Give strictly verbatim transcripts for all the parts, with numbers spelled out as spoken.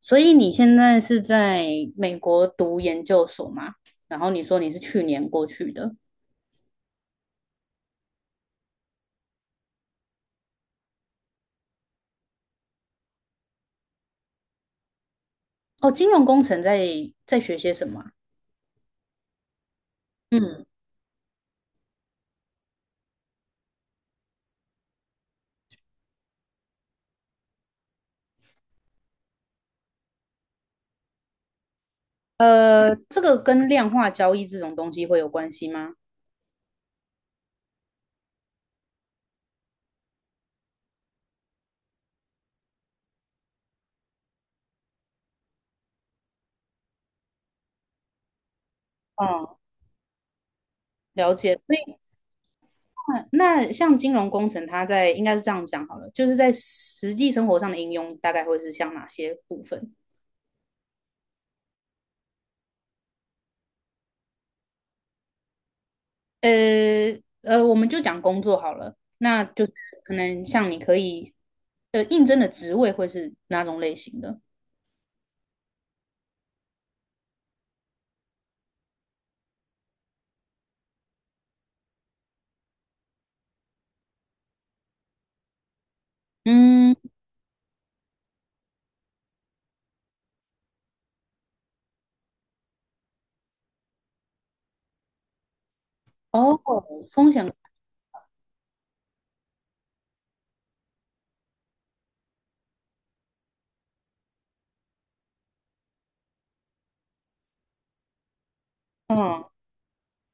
所以你现在是在美国读研究所吗？然后你说你是去年过去的。哦，金融工程在在学些什么啊？嗯。呃，这个跟量化交易这种东西会有关系吗？哦，了解。所以那那像金融工程，它在应该是这样讲好了，就是在实际生活上的应用大概会是像哪些部分？呃呃，我们就讲工作好了，那就是可能像你可以呃应征的职位会是哪种类型的？嗯。哦，风险。嗯，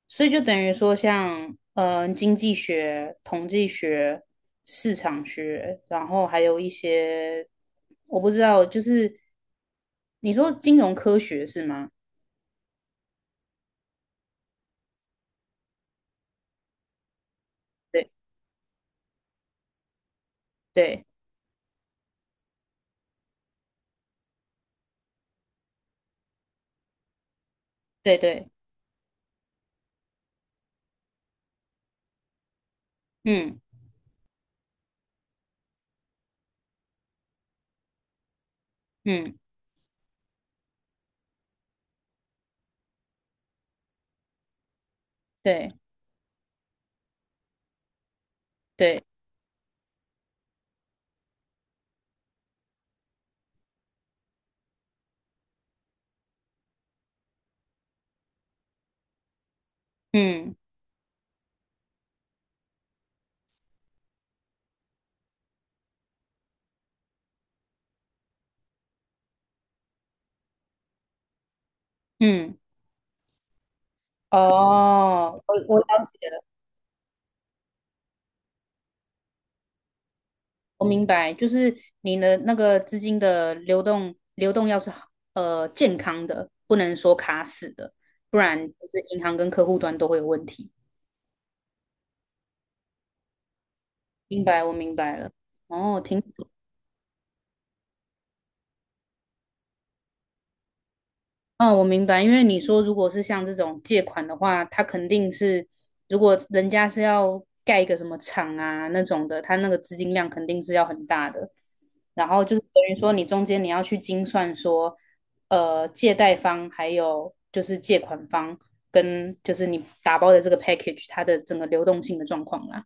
所以就等于说像，嗯，经济学、统计学、市场学，然后还有一些，我不知道，就是你说金融科学是吗？对对对对。嗯嗯。对对。嗯嗯。哦，我我了解。我明白，就是你的那个资金的流动流动要是好呃健康的，不能说卡死的，不然就是银行跟客户端都会有问题。明白，我明白了。哦，挺。哦，我明白，因为你说如果是像这种借款的话，他肯定是，如果人家是要盖一个什么厂啊那种的，他那个资金量肯定是要很大的。然后就是等于说，你中间你要去精算说，呃，借贷方还有就是借款方跟就是你打包的这个 package 它的整个流动性的状况啦。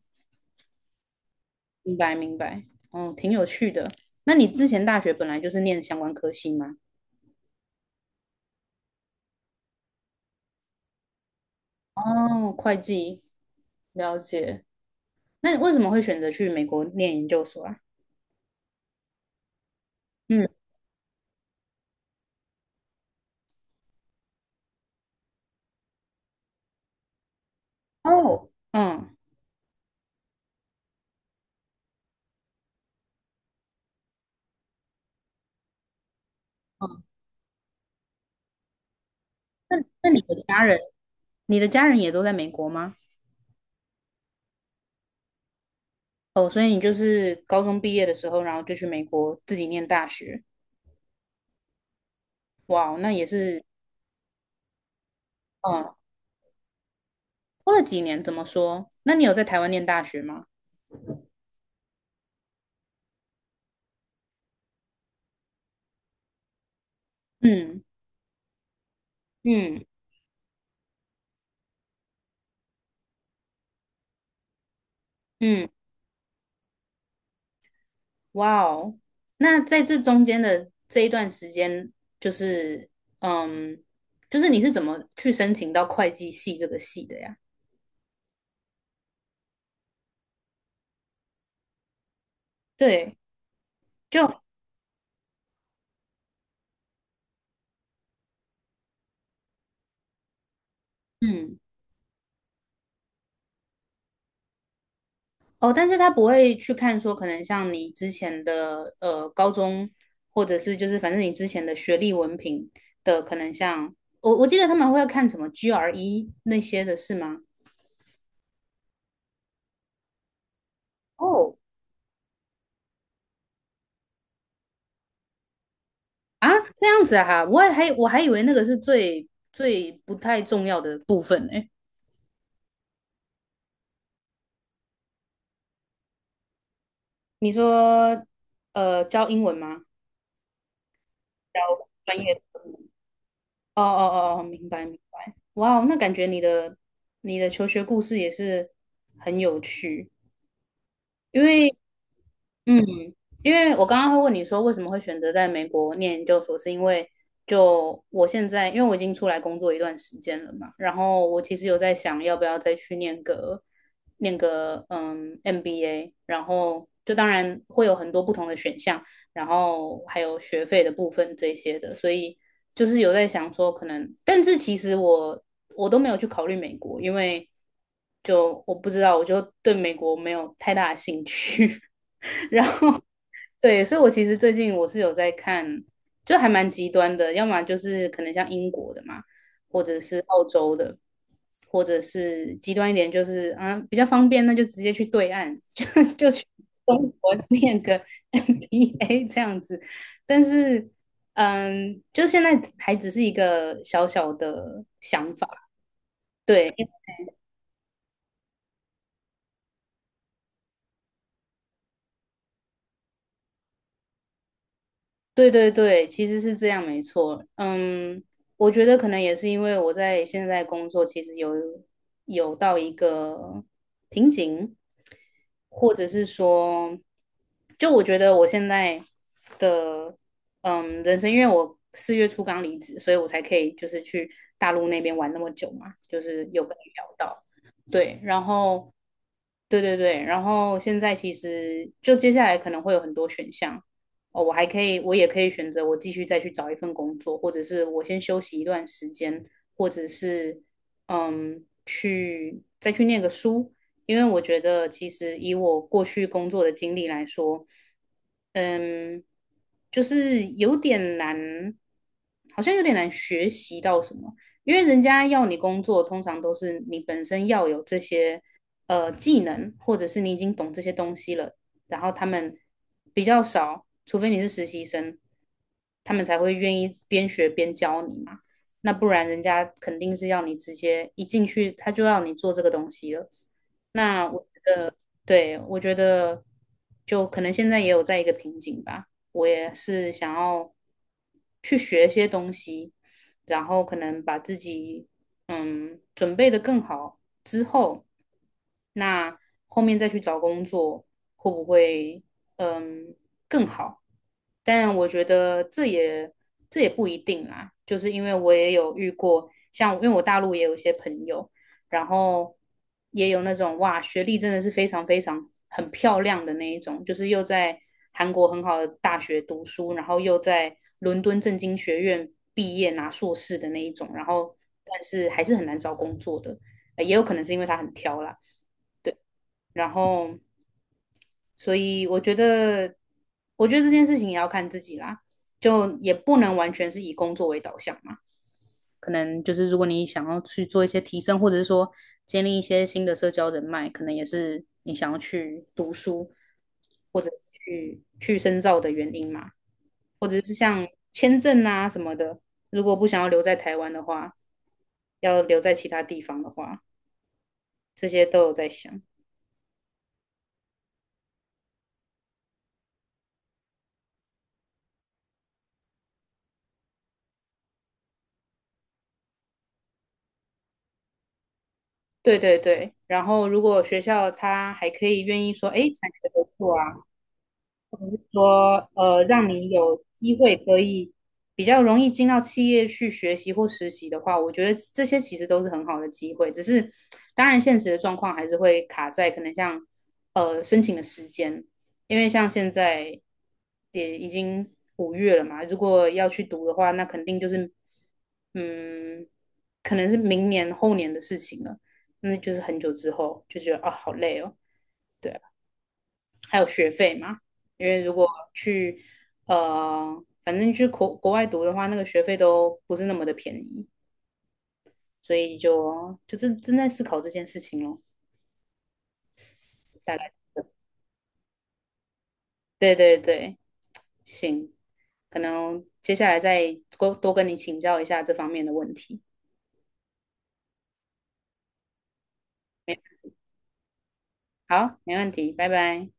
明白，明白。嗯，挺有趣的。那你之前大学本来就是念相关科系吗？哦，会计，了解。那你为什么会选择去美国念研究所啊？嗯。哦。嗯。嗯。那那你的家人，你的家人也都在美国吗？哦，所以你就是高中毕业的时候，然后就去美国自己念大学。哇哦，那也是。嗯，拖了几年，怎么说？那你有在台湾念大学吗？嗯嗯嗯。哇哦，那在这中间的这一段时间，就是嗯，就是你是怎么去申请到会计系这个系的呀？对，就嗯。哦，但是他不会去看说，可能像你之前的呃高中，或者是就是反正你之前的学历文凭的，可能像我我记得他们会看什么 G R E 那些的是吗？哦。啊，这样子啊，我也还我还以为那个是最最不太重要的部分呢。你说呃教英文吗？专业科。哦哦哦哦，明白。明白。哇哦，那感觉你的你的求学故事也是很有趣，因为。嗯，因为我刚刚会问你说为什么会选择在美国念研究所，是因为就我现在，因为我已经出来工作一段时间了嘛，然后我其实有在想要不要再去念个念个嗯 M B A，然后就当然会有很多不同的选项，然后还有学费的部分这些的，所以就是有在想说可能，但是其实我我都没有去考虑美国，因为就我不知道，我就对美国没有太大的兴趣。对，所以我其实最近我是有在看，就还蛮极端的，要么就是可能像英国的嘛，或者是澳洲的，或者是极端一点就是啊比较方便，那就直接去对岸，就就去中国 念个 M B A 这样子。但是，嗯，就现在还只是一个小小的想法。对。对对对，其实是这样，没错。嗯，我觉得可能也是因为我在现在工作，其实有有到一个瓶颈，或者是说，就我觉得我现在的嗯人生，因为我四月初刚离职，所以我才可以就是去大陆那边玩那么久嘛，就是有跟你聊到，对，然后对对对，然后现在其实就接下来可能会有很多选项。哦，我还可以，我也可以选择我继续再去找一份工作，或者是我先休息一段时间，或者是嗯，去再去念个书，因为我觉得其实以我过去工作的经历来说，嗯，就是有点难，好像有点难学习到什么，因为人家要你工作，通常都是你本身要有这些呃技能，或者是你已经懂这些东西了，然后他们比较少，除非你是实习生，他们才会愿意边学边教你嘛。那不然人家肯定是要你直接一进去，他就要你做这个东西了。那我对，我觉得就可能现在也有在一个瓶颈吧。我也是想要去学一些东西，然后可能把自己嗯准备的更好之后，那后面再去找工作会不会嗯更好？但我觉得这也这也不一定啦，就是因为我也有遇过，像因为我大陆也有一些朋友，然后也有那种哇，学历真的是非常非常很漂亮的那一种，就是又在韩国很好的大学读书，然后又在伦敦政经学院毕业拿硕士的那一种，然后但是还是很难找工作的，呃也有可能是因为他很挑啦，对，然后所以我觉得，我觉得这件事情也要看自己啦，就也不能完全是以工作为导向嘛。可能就是如果你想要去做一些提升，或者是说建立一些新的社交人脉，可能也是你想要去读书或者是去去深造的原因嘛，或者是像签证啊什么的，如果不想要留在台湾的话，要留在其他地方的话，这些都有在想。对对对，然后如果学校他还可以愿意说，哎，产学合作啊。说呃，让你有机会可以比较容易进到企业去学习或实习的话，我觉得这些其实都是很好的机会。只是当然现实的状况还是会卡在可能像呃申请的时间，因为像现在也已经五月了嘛，如果要去读的话，那肯定就是嗯，可能是明年后年的事情了，那就是很久之后就觉得啊好累哦。对啊，还有学费嘛，因为如果去呃，反正去国国外读的话，那个学费都不是那么的便宜，所以就就正正在思考这件事情咯，大概是。对对对。行，可能接下来再多多跟你请教一下这方面的问题。没好，没问题，拜拜。